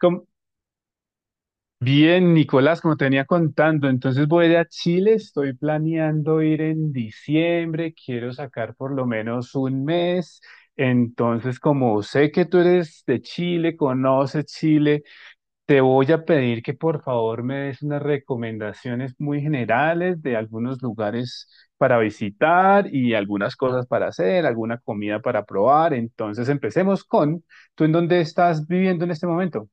Com- Bien, Nicolás, como te venía contando, entonces voy a Chile, estoy planeando ir en diciembre, quiero sacar por lo menos un mes, entonces como sé que tú eres de Chile, conoces Chile, te voy a pedir que por favor me des unas recomendaciones muy generales de algunos lugares para visitar y algunas cosas para hacer, alguna comida para probar, entonces empecemos con, ¿tú en dónde estás viviendo en este momento?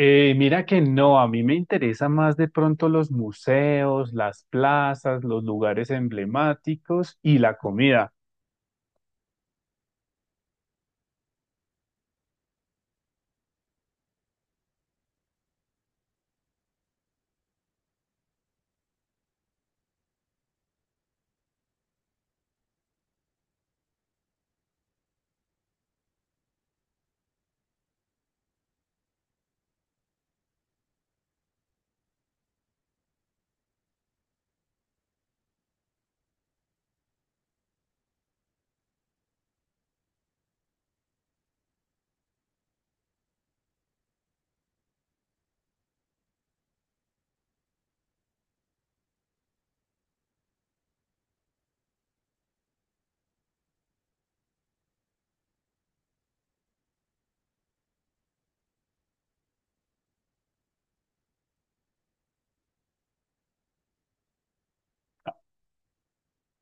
Mira que no, a mí me interesa más de pronto los museos, las plazas, los lugares emblemáticos y la comida.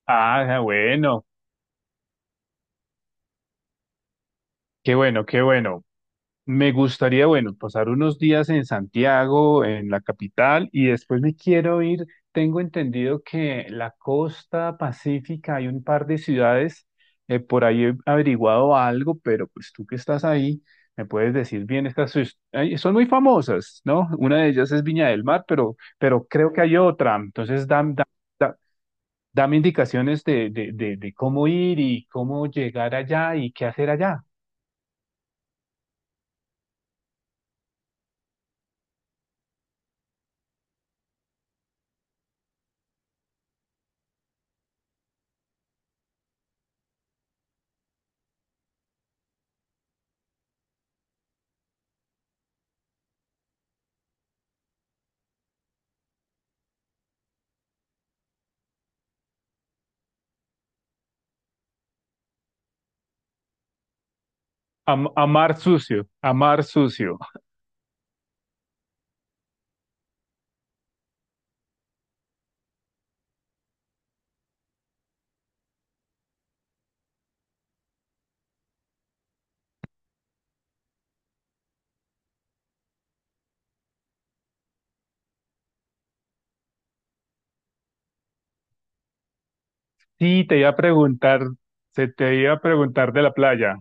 Ah, bueno, qué bueno, qué bueno. Me gustaría, bueno, pasar unos días en Santiago, en la capital, y después me quiero ir. Tengo entendido que la costa pacífica hay un par de ciudades, por ahí he averiguado algo, pero pues tú que estás ahí, me puedes decir bien, ay, son muy famosas, ¿no? Una de ellas es Viña del Mar, pero creo que hay otra. Entonces, dame indicaciones de cómo ir y cómo llegar allá y qué hacer allá. Amar sucio, amar sucio. Sí, te iba a preguntar, se te iba a preguntar de la playa.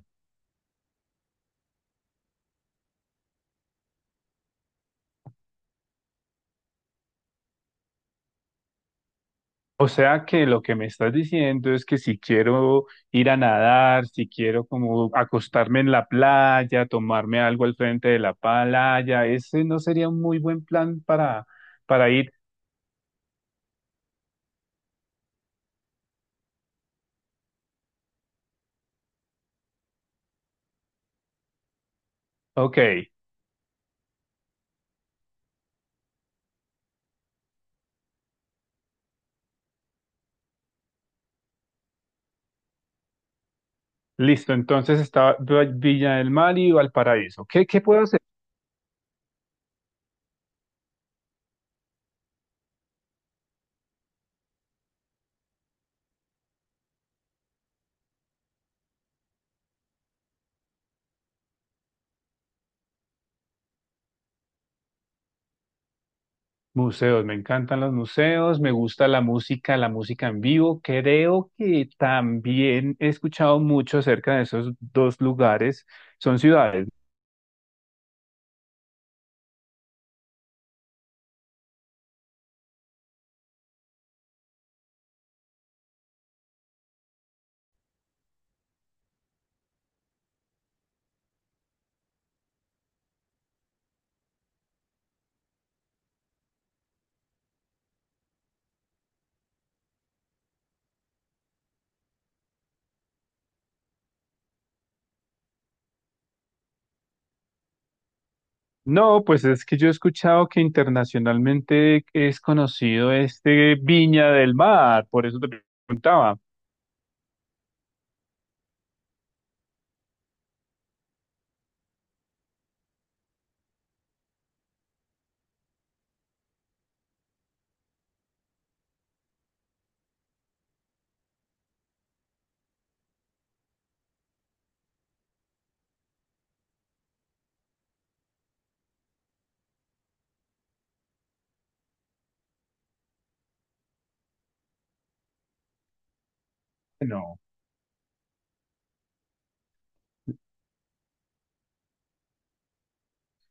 O sea que lo que me estás diciendo es que si quiero ir a nadar, si quiero como acostarme en la playa, tomarme algo al frente de la playa, ese no sería un muy buen plan para ir. Ok, listo. Entonces está Villa del Mar y Valparaíso. ¿Qué, qué puedo hacer? Museos, me encantan los museos, me gusta la música en vivo. Creo que también he escuchado mucho acerca de esos dos lugares. Son ciudades. No, pues es que yo he escuchado que internacionalmente es conocido este Viña del Mar, por eso te preguntaba. No.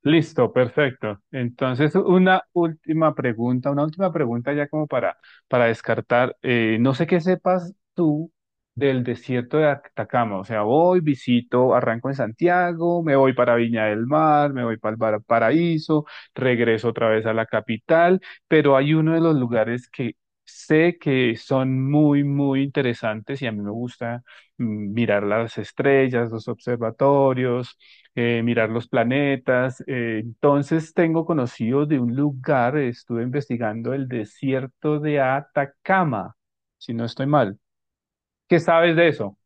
Listo, perfecto. Entonces, una última pregunta ya como para descartar. No sé qué sepas tú del desierto de Atacama. O sea, voy, visito, arranco en Santiago, me voy para Viña del Mar, me voy para Paraíso, regreso otra vez a la capital, pero hay uno de los lugares que sé que son muy, muy interesantes y a mí me gusta mirar las estrellas, los observatorios mirar los planetas. Entonces tengo conocido de un lugar, estuve investigando el desierto de Atacama, si no estoy mal. ¿Qué sabes de eso?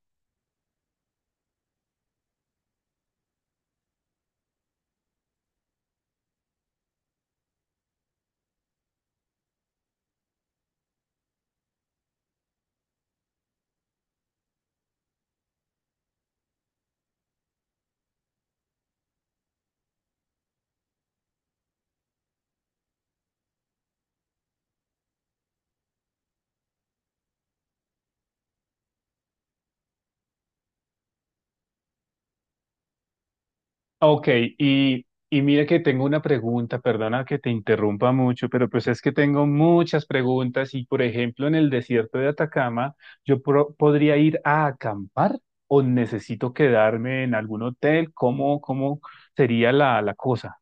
Ok, y mire que tengo una pregunta, perdona que te interrumpa mucho, pero pues es que tengo muchas preguntas y por ejemplo en el desierto de Atacama, podría ir a acampar o necesito quedarme en algún hotel? ¿Cómo, cómo sería la, la cosa?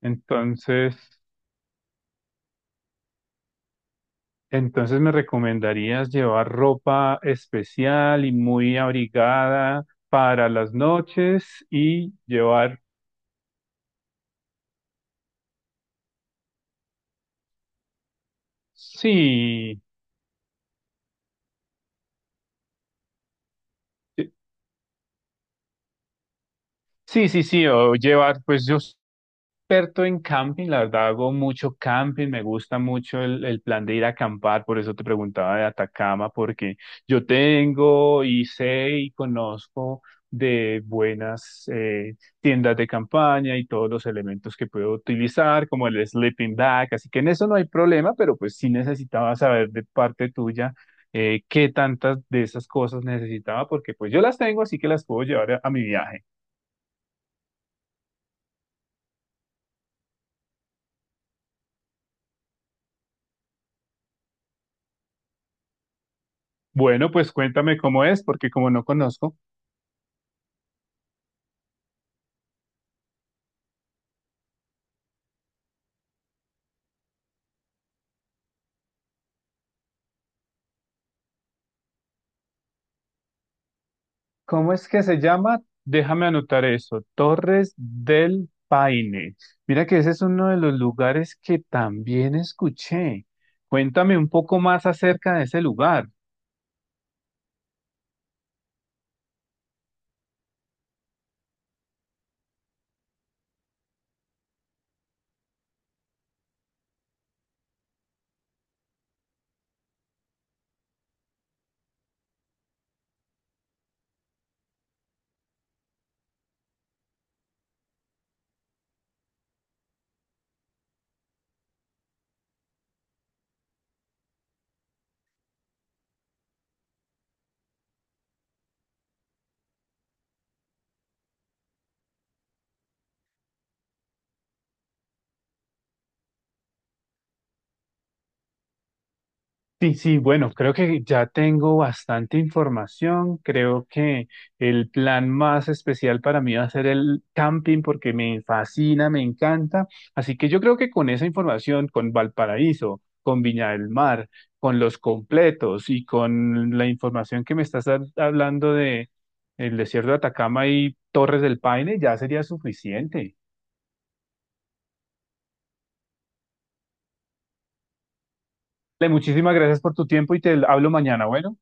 Entonces... Entonces, ¿me recomendarías llevar ropa especial y muy abrigada para las noches y llevar, sí, eh, sí, o llevar, pues yo experto en camping, la verdad hago mucho camping, me gusta mucho el plan de ir a acampar, por eso te preguntaba de Atacama, porque yo tengo y sé y conozco de buenas tiendas de campaña y todos los elementos que puedo utilizar, como el sleeping bag, así que en eso no hay problema, pero pues sí necesitaba saber de parte tuya qué tantas de esas cosas necesitaba, porque pues yo las tengo, así que las puedo llevar a mi viaje. Bueno, pues cuéntame cómo es, porque como no conozco. ¿Cómo es que se llama? Déjame anotar eso. Torres del Paine. Mira que ese es uno de los lugares que también escuché. Cuéntame un poco más acerca de ese lugar. Sí, sí, bueno, creo que ya tengo bastante información. Creo que el plan más especial para mí va a ser el camping porque me fascina, me encanta. Así que yo creo que con esa información, con Valparaíso, con Viña del Mar, con los completos y con la información que me estás hablando de el desierto de Atacama y Torres del Paine, ya sería suficiente. Le muchísimas gracias por tu tiempo y te hablo mañana, bueno.